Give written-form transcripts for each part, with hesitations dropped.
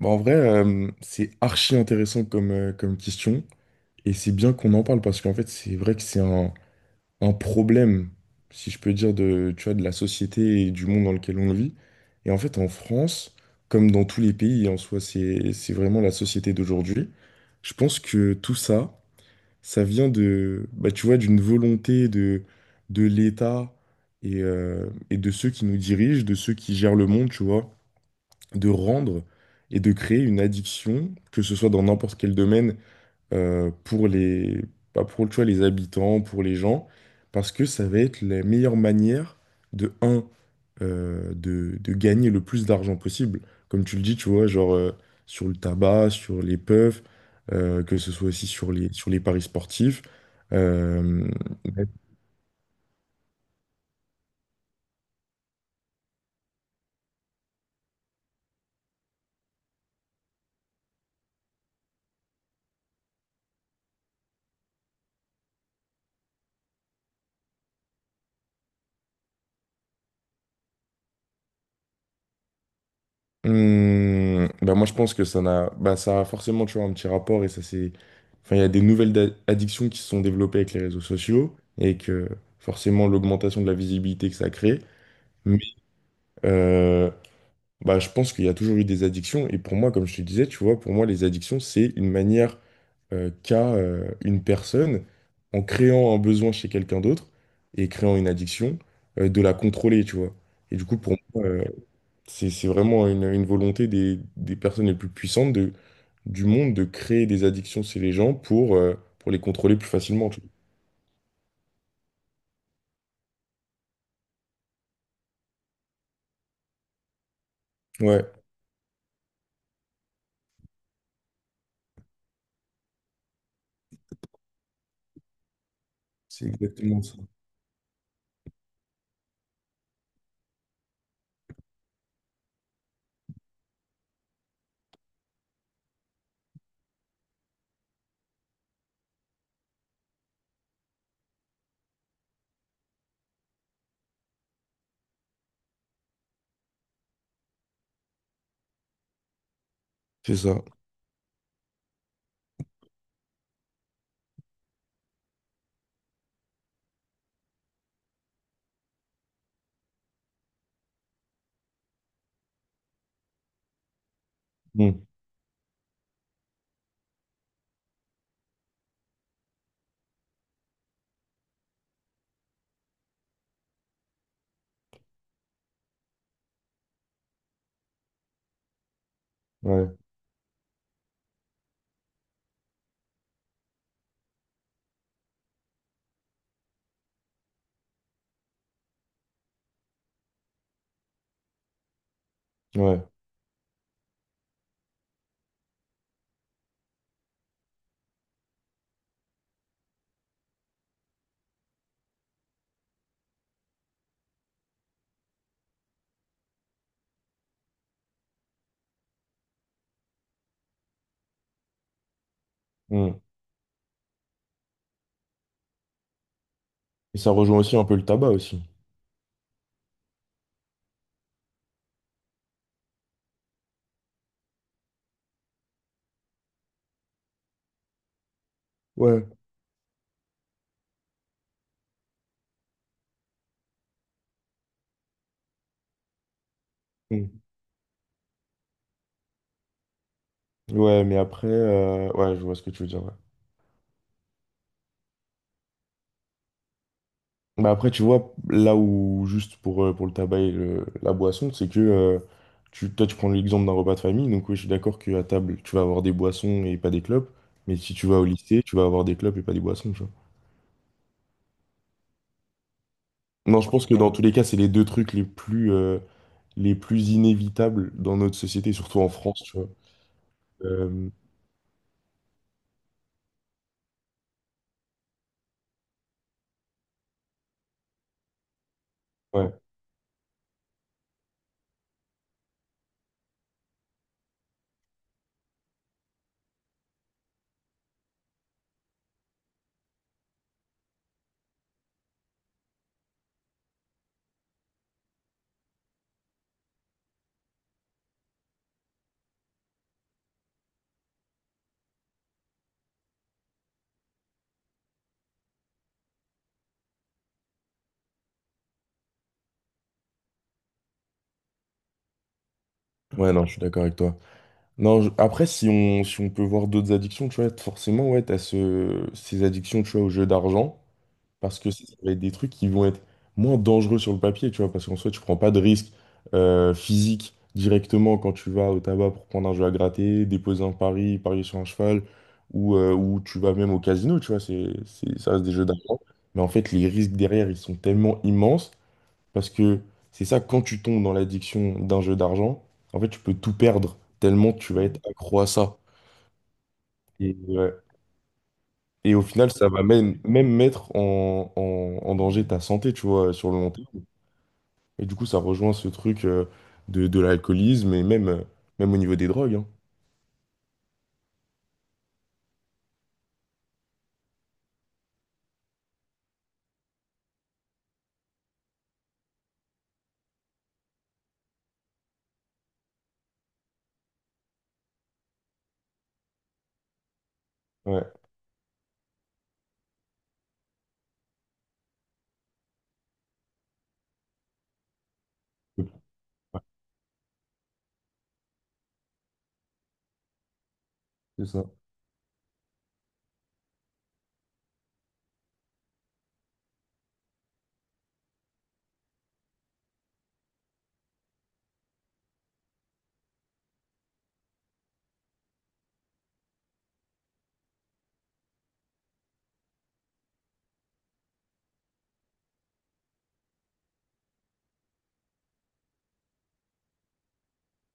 Bah, en vrai, c'est archi intéressant comme, comme question. Et c'est bien qu'on en parle parce qu'en fait, c'est vrai que c'est un problème, si je peux dire, de, tu vois, de la société et du monde dans lequel on vit. Et en fait, en France, comme dans tous les pays, en soi, c'est vraiment la société d'aujourd'hui. Je pense que tout ça, ça vient de, bah, tu vois, d'une volonté de l'État et de ceux qui nous dirigent, de ceux qui gèrent le monde, tu vois, de rendre et de créer une addiction, que ce soit dans n'importe quel domaine, pour les, bah, pour, tu vois, les habitants, pour les gens, parce que ça va être la meilleure manière de, un, de gagner le plus d'argent possible. Comme tu le dis, tu vois, genre sur le tabac, sur les puffs, que ce soit aussi sur les paris sportifs. Euh, Hmm, bah moi je pense que ça n'a, bah ça a forcément, tu vois, un petit rapport, et ça c'est, enfin il y a des nouvelles addictions qui se sont développées avec les réseaux sociaux et que forcément l'augmentation de la visibilité que ça crée. Mais euh, bah je pense qu'il y a toujours eu des addictions, et pour moi, comme je te disais, tu vois, pour moi les addictions c'est une manière qu'a une personne, en créant un besoin chez quelqu'un d'autre et créant une addiction, de la contrôler, tu vois. Et du coup, pour moi, c'est vraiment une volonté des personnes les plus puissantes de, du monde, de créer des addictions chez les gens pour les contrôler plus facilement, tu vois. Ouais, c'est exactement ça. C'est ça. Mm. Ouais, ouais. Mm. Et ça rejoint aussi un peu le tabac aussi. Ouais. Mm. Ouais, mais après, ouais, je vois ce que tu veux dire, ouais. Bah après, tu vois, là où, juste pour le tabac et la boisson, c'est que tu, toi, tu prends l'exemple d'un repas de famille. Donc, oui, je suis d'accord qu'à table, tu vas avoir des boissons et pas des clopes. Mais si tu vas au, mm, lycée, tu vas avoir des clopes et pas des boissons, tu vois. Non, je pense que dans tous les cas, c'est les deux trucs les plus inévitables dans notre société, surtout en France, tu vois. Euh, ouais. Ouais, non, je suis d'accord avec toi. Non, après, si on, si on peut voir d'autres addictions, tu vois, forcément, ouais, t'as ce, ces addictions, tu vois, au jeu d'argent. Parce que ça va être des trucs qui vont être moins dangereux sur le papier, tu vois, parce qu'en soit tu prends pas de risque physique directement quand tu vas au tabac pour prendre un jeu à gratter, déposer un pari, parier sur un cheval, ou tu vas même au casino, tu vois, c'est, ça reste des jeux d'argent. Mais en fait, les risques derrière, ils sont tellement immenses, parce que c'est ça, quand tu tombes dans l'addiction d'un jeu d'argent, en fait, tu peux tout perdre, tellement tu vas être accro à ça. Et, ouais, et au final, ça va même, même mettre en, en danger ta santé, tu vois, sur le long terme. Et du coup, ça rejoint ce truc de l'alcoolisme et même, même au niveau des drogues, hein. Ouais, c'est ça.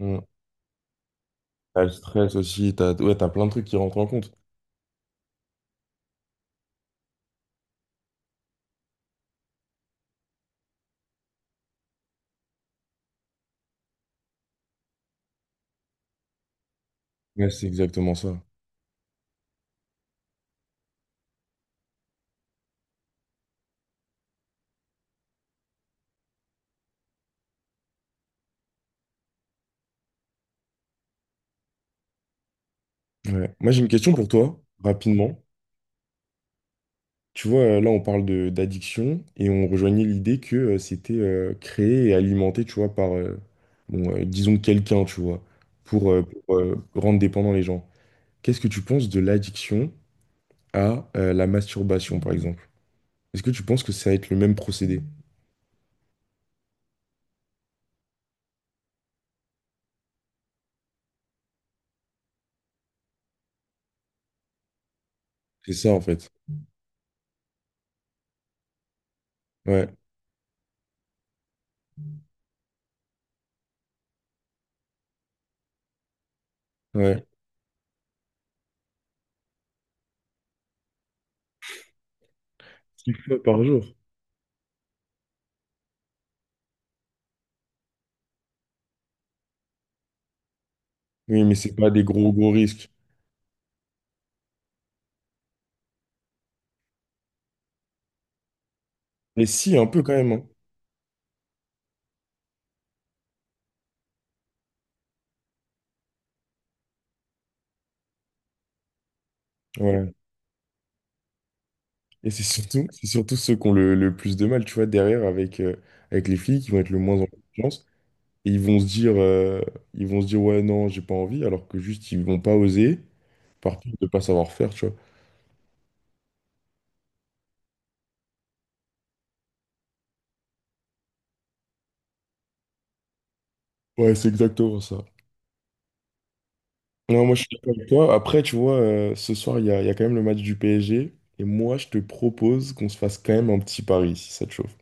Mm. T'as le stress aussi, t'as, ouais, t'as plein de trucs qui rentrent en compte. Ouais, c'est exactement ça. Ouais. Moi, j'ai une question pour toi, rapidement. Tu vois, là, on parle de d'addiction et on rejoignait l'idée que c'était créé et alimenté, tu vois, par, bon, disons, quelqu'un, tu vois, pour, rendre dépendant les gens. Qu'est-ce que tu penses de l'addiction à la masturbation, par exemple? Est-ce que tu penses que ça va être le même procédé? C'est ça, en fait. Ouais, ouais. Six fois par jour. Oui, mais c'est pas des gros, gros risques. Mais si, un peu quand même, hein. Ouais. Et c'est surtout ceux qui ont le plus de mal, tu vois, derrière avec, avec les filles qui vont être le moins en confiance. Et ils vont se dire, ils vont se dire, ouais, non, j'ai pas envie, alors que juste, ils vont pas oser par peur de pas savoir faire, tu vois. Ouais, c'est exactement ça. Non, moi je suis d'accord avec toi. Après, tu vois, ce soir, il y a quand même le match du PSG. Et moi, je te propose qu'on se fasse quand même un petit pari, si ça te chauffe.